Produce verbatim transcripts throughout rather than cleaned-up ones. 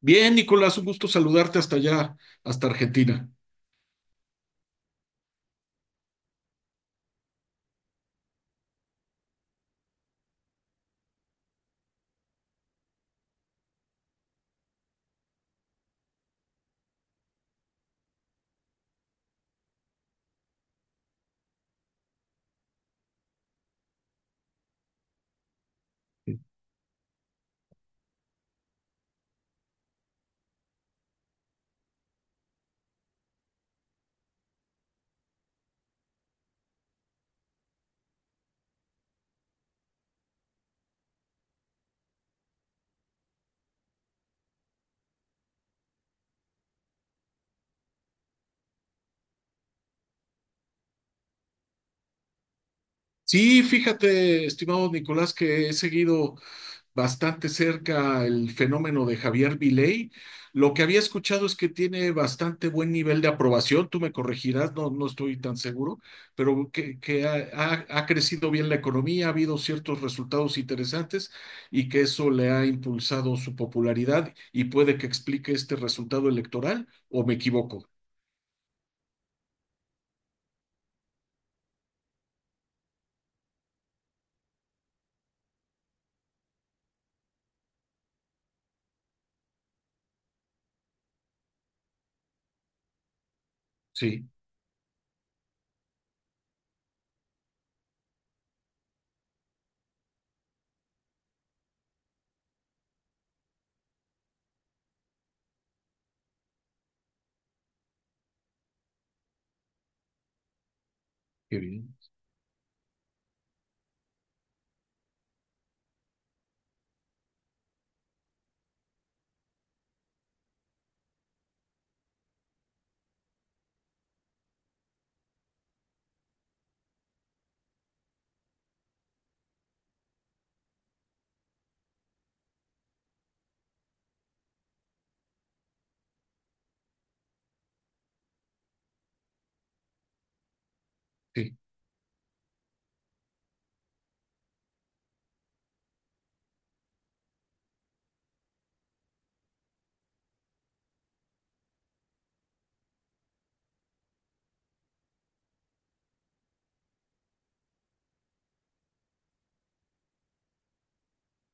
Bien, Nicolás, un gusto saludarte hasta allá, hasta Argentina. Sí, fíjate, estimado Nicolás, que he seguido bastante cerca el fenómeno de Javier Milei. Lo que había escuchado es que tiene bastante buen nivel de aprobación, tú me corregirás, no, no estoy tan seguro, pero que, que ha, ha- ha crecido bien la economía, ha habido ciertos resultados interesantes y que eso le ha impulsado su popularidad y puede que explique este resultado electoral, ¿o me equivoco? Sí, qué bien. Sí.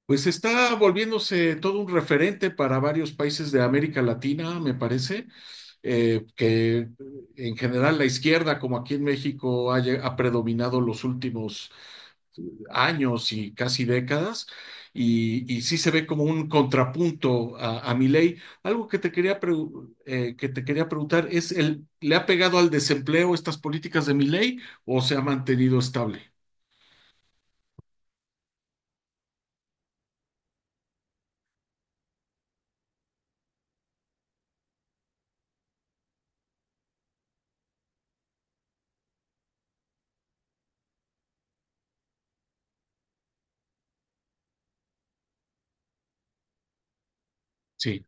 Pues está volviéndose todo un referente para varios países de América Latina, me parece, eh, que en general la izquierda, como aquí en México, ha, lle- ha predominado los últimos años y casi décadas, y, y sí se ve como un contrapunto a, a Milei. Algo que te quería pregu- eh, que te quería preguntar es el, ¿le ha pegado al desempleo estas políticas de Milei o se ha mantenido estable? Sí,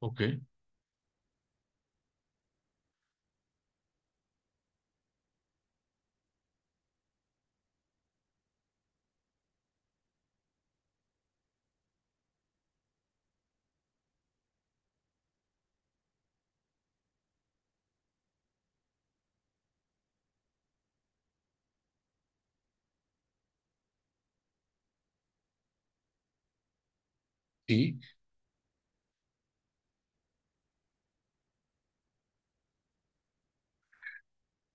ok, sí.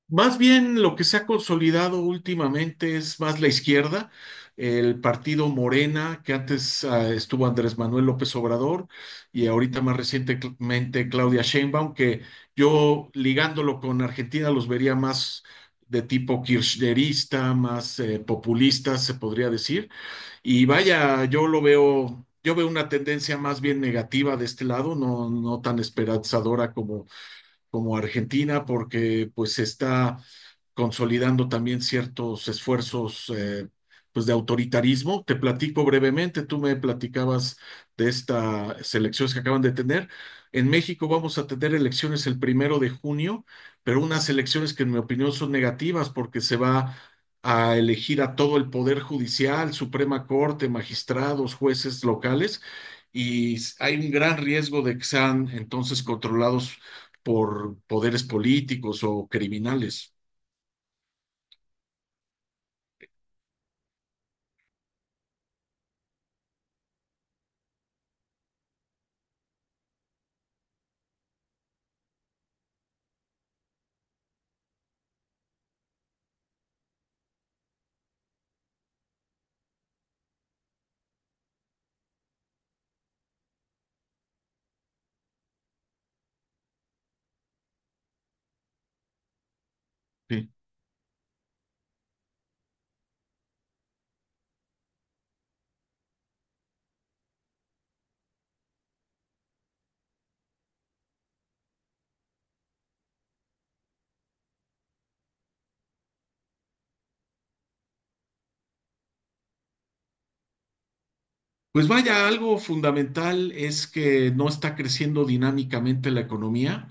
Más bien lo que se ha consolidado últimamente es más la izquierda, el partido Morena, que antes ah, estuvo Andrés Manuel López Obrador y ahorita más recientemente Claudia Sheinbaum, que yo ligándolo con Argentina los vería más de tipo kirchnerista, más eh, populista, se podría decir. Y vaya, yo lo veo, yo veo una tendencia más bien negativa de este lado, no, no tan esperanzadora como como Argentina, porque pues se está consolidando también ciertos esfuerzos eh, pues de autoritarismo. Te platico brevemente, tú me platicabas de estas elecciones que acaban de tener. En México vamos a tener elecciones el primero de junio, pero unas elecciones que en mi opinión son negativas porque se va a elegir a todo el Poder Judicial, Suprema Corte, magistrados, jueces locales, y hay un gran riesgo de que sean entonces controlados por poderes políticos o criminales. Sí. Pues vaya, algo fundamental es que no está creciendo dinámicamente la economía.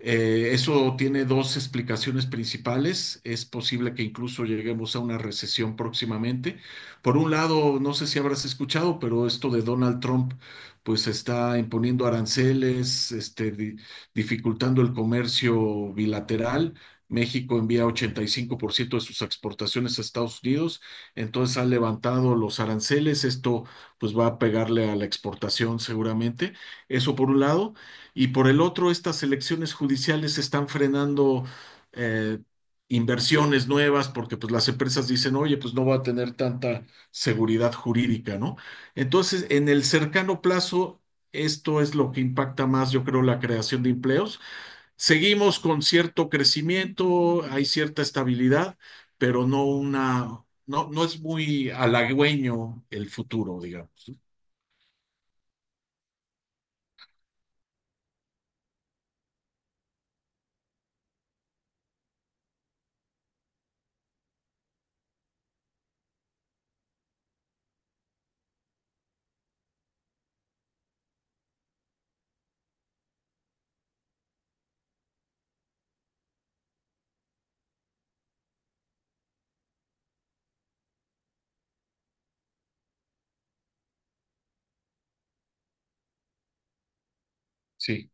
Eh, eso tiene dos explicaciones principales. Es posible que incluso lleguemos a una recesión próximamente. Por un lado, no sé si habrás escuchado, pero esto de Donald Trump, pues está imponiendo aranceles, este, di- dificultando el comercio bilateral. México envía ochenta y cinco por ciento de sus exportaciones a Estados Unidos, entonces han levantado los aranceles, esto pues va a pegarle a la exportación seguramente, eso por un lado, y por el otro, estas elecciones judiciales están frenando eh, inversiones nuevas porque pues, las empresas dicen, oye, pues no va a tener tanta seguridad jurídica, ¿no? Entonces, en el cercano plazo, esto es lo que impacta más, yo creo, la creación de empleos. Seguimos con cierto crecimiento, hay cierta estabilidad, pero no una, no, no es muy halagüeño el futuro, digamos. ¿Sí?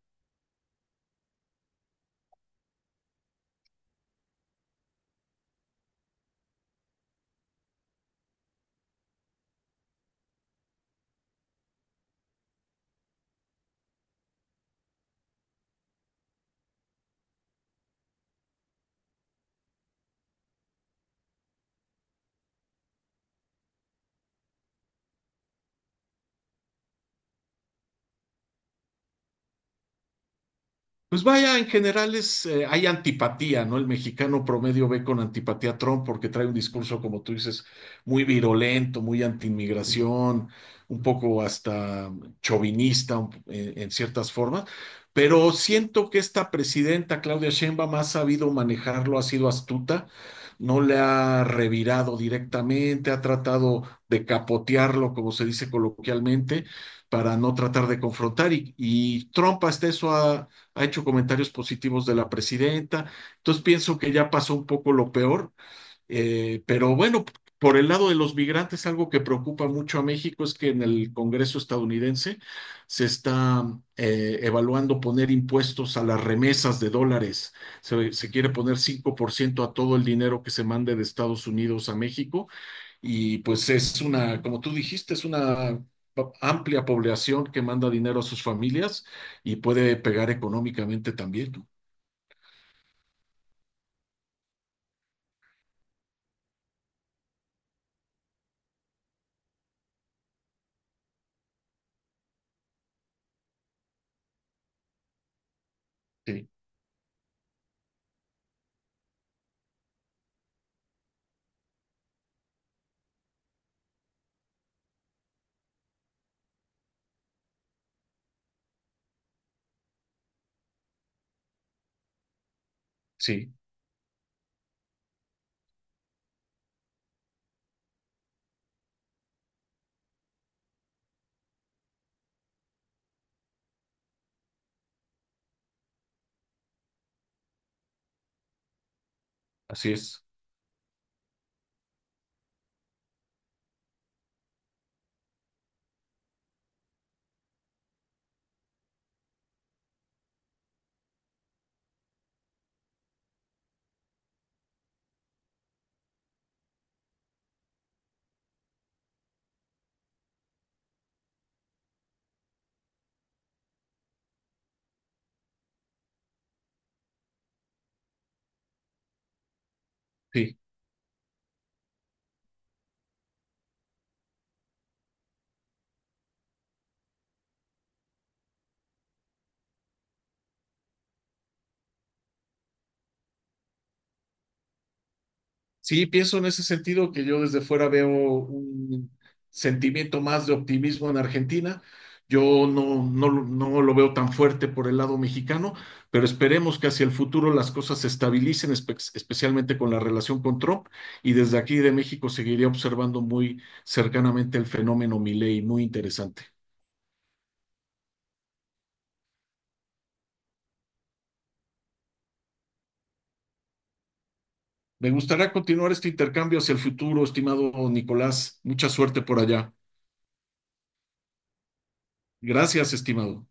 Pues vaya, en general es, eh, hay antipatía, ¿no? El mexicano promedio ve con antipatía a Trump porque trae un discurso, como tú dices, muy virulento, muy antiinmigración, un poco hasta chauvinista un- en, en ciertas formas. Pero siento que esta presidenta, Claudia Sheinbaum, ha sabido manejarlo, ha sido astuta, no le ha revirado directamente, ha tratado de capotearlo, como se dice coloquialmente, para no tratar de confrontar. Y, y Trump hasta eso ha hecho comentarios positivos de la presidenta. Entonces pienso que ya pasó un poco lo peor, eh, pero bueno, por el lado de los migrantes, algo que preocupa mucho a México es que en el Congreso estadounidense se está eh, evaluando poner impuestos a las remesas de dólares. Se, se quiere poner cinco por ciento a todo el dinero que se mande de Estados Unidos a México y pues es una, como tú dijiste, es una pa- amplia población que manda dinero a sus familias y puede pegar económicamente también, ¿no? Sí, sí, así es. Sí. Sí, pienso en ese sentido que yo desde fuera veo un sentimiento más de optimismo en Argentina. Yo no, no, no lo veo tan fuerte por el lado mexicano, pero esperemos que hacia el futuro las cosas se estabilicen, espe- especialmente con la relación con Trump. Y desde aquí de México seguiré observando muy cercanamente el fenómeno Milei, muy interesante. Me gustaría continuar este intercambio hacia el futuro, estimado Nicolás. Mucha suerte por allá. Gracias, estimado.